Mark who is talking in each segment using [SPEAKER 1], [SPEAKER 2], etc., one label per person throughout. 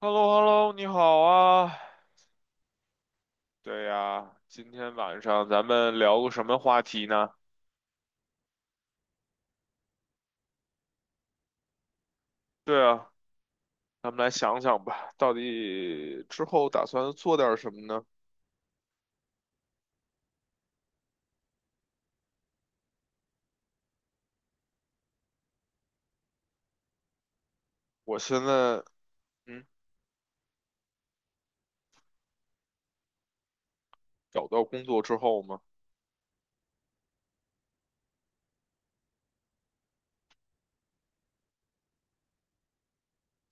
[SPEAKER 1] h e l l o h e l l o 你好啊。对呀，今天晚上咱们聊个什么话题呢？对啊，咱们来想想吧，到底之后打算做点什么呢？我现在，嗯，找到工作之后嘛，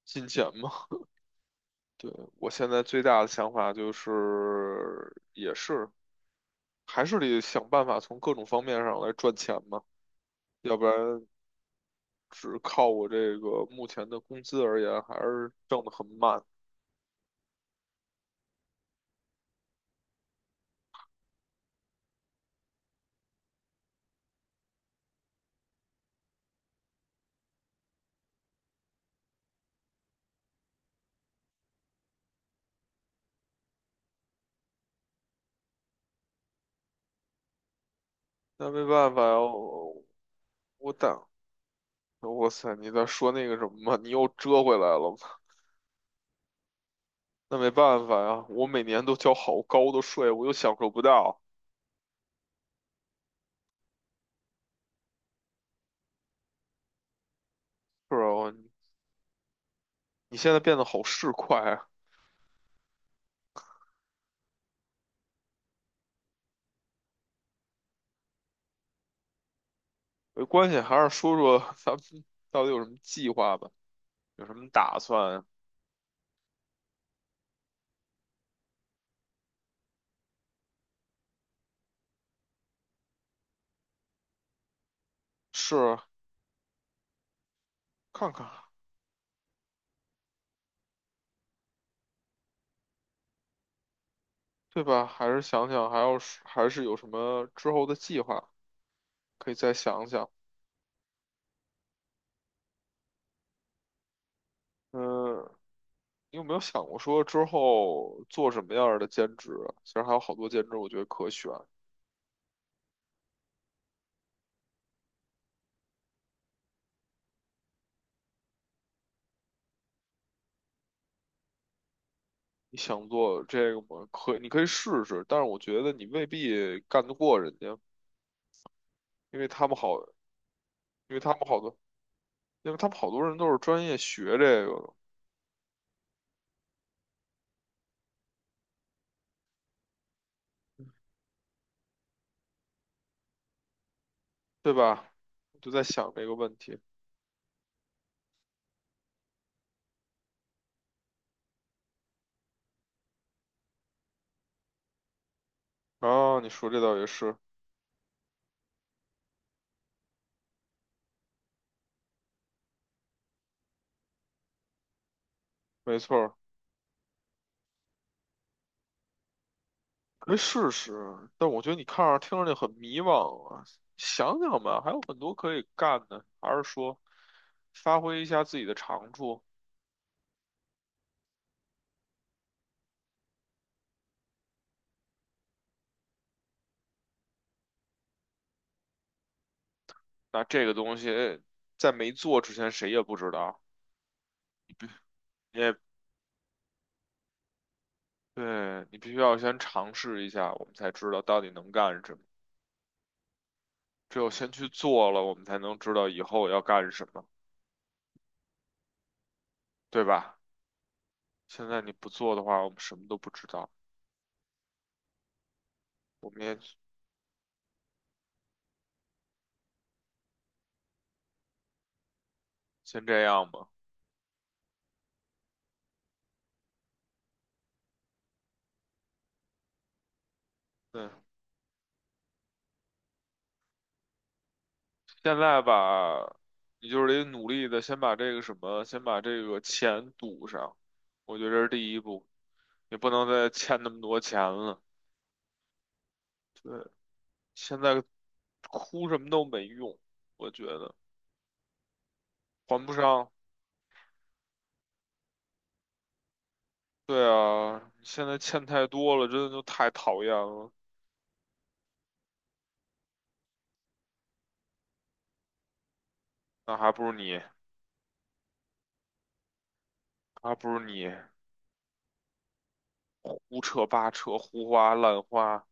[SPEAKER 1] 金钱嘛，对，我现在最大的想法就是，也是，还是得想办法从各种方面上来赚钱嘛，要不然只靠我这个目前的工资而言，还是挣得很慢。那没办法呀，我等。哇塞，你在说那个什么吗？你又折回来了吗？那没办法呀，我每年都交好高的税，我又享受不到。是啊，你现在变得好市侩啊。没关系，还是说说 咱们到底有什么计划吧，有什么打算？是看看，对吧？还是想想，还要是还是有什么之后的计划，可以再想想。嗯，你有没有想过说之后做什么样儿的兼职啊？其实还有好多兼职，我觉得可选。你想做这个吗？可以，你可以试试，但是我觉得你未必干得过人家，因为他们好，因为他们好多，因为他们好多人都是专业学这个的，对吧？我就在想这个问题。啊，你说这倒也是，没错儿，可以试试。但我觉得你看着听着就很迷茫啊，想想吧，还有很多可以干的，还是说发挥一下自己的长处。那这个东西在没做之前，谁也不知道。也。对，你必须要先尝试一下，我们才知道到底能干什么。只有先去做了，我们才能知道以后要干什么，对吧？现在你不做的话，我们什么都不知道。我们也先这样吧。对，现在吧，你就是得努力的先把这个什么，先把这个钱堵上。我觉得这是第一步，也不能再欠那么多钱了。对，现在哭什么都没用，我觉得还不上。对啊，现在欠太多了，真的就太讨厌了。那还不如你，还不如你胡扯八扯、胡花乱花。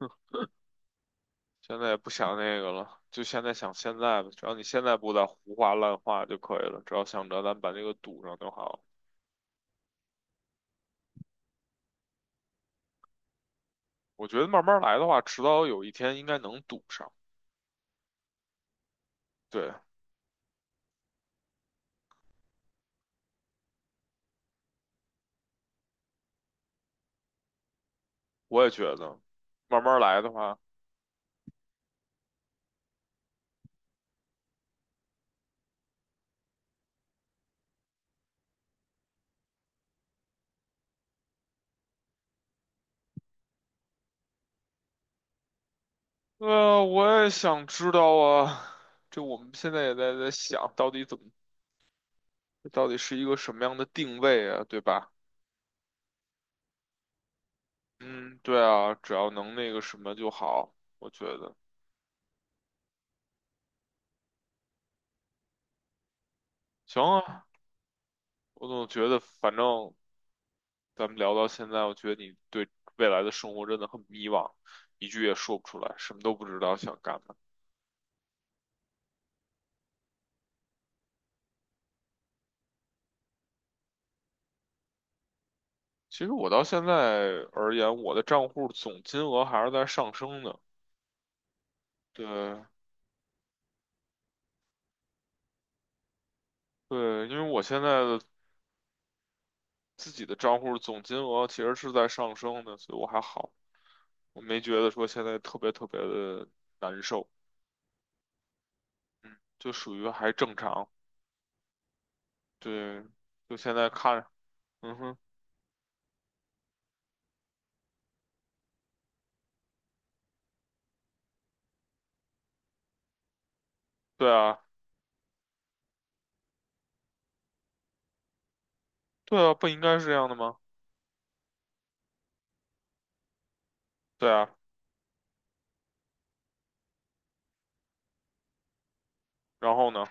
[SPEAKER 1] 现在也不想那个了，就现在想现在吧。只要你现在不再胡话乱话就可以了，只要想着咱把这个堵上就好了。我觉得慢慢来的话，迟早有一天应该能堵上。对，我也觉得，慢慢来的话，我也想知道啊。这我们现在也在想，到底怎么这到底是一个什么样的定位啊，对吧？嗯，对啊，只要能那个什么就好，我觉得行啊。我总觉得，反正咱们聊到现在，我觉得你对未来的生活真的很迷茫，一句也说不出来，什么都不知道想干嘛。其实我到现在而言，我的账户总金额还是在上升的。对对，因为我现在的自己的账户总金额其实是在上升的，所以我还好，我没觉得说现在特别特别的难受。就属于还正常。对，就现在看，嗯哼，对啊，对啊，不应该是这样的吗？对啊，然后呢？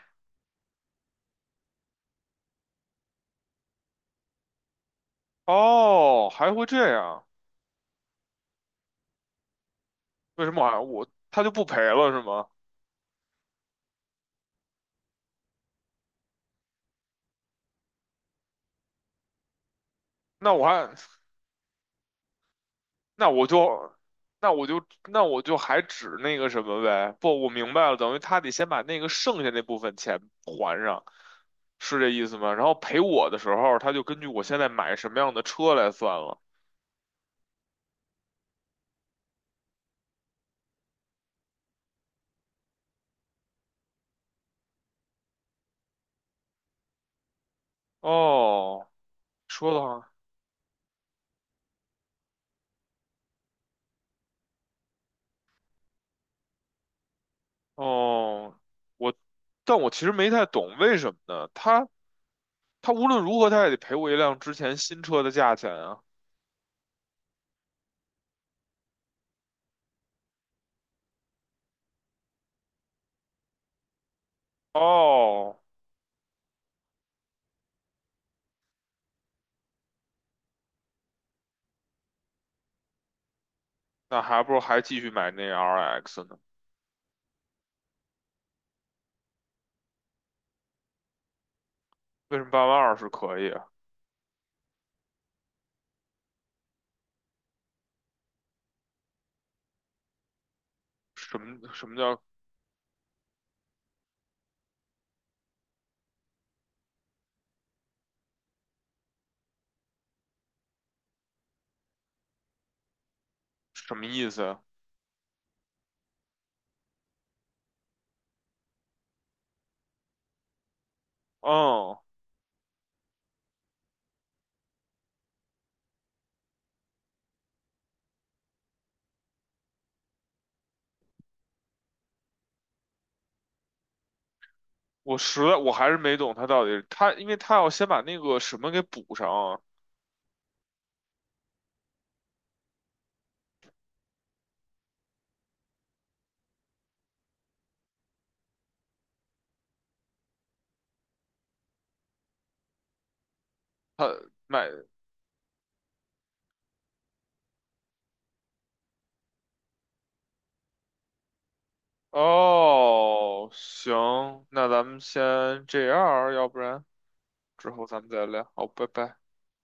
[SPEAKER 1] 哦，还会这样？为什么还我他就不赔了是吗？那我还那我就那我就那我就还指那个什么呗？不，我明白了，等于他得先把那个剩下那部分钱还上，是这意思吗？然后赔我的时候，他就根据我现在买什么样的车来算了。哦，说的哦，我，但我其实没太懂为什么呢？他无论如何他也得赔我一辆之前新车的价钱啊。哦，那还不如还继续买那 RX 呢？为什么八万二是可以啊？什么什么叫什么意思啊？嗯，我实在我还是没懂他到底他，因为他要先把那个什么给补上啊。他买哦，行，那咱们先这样儿要不然之后咱们再聊。好，拜拜。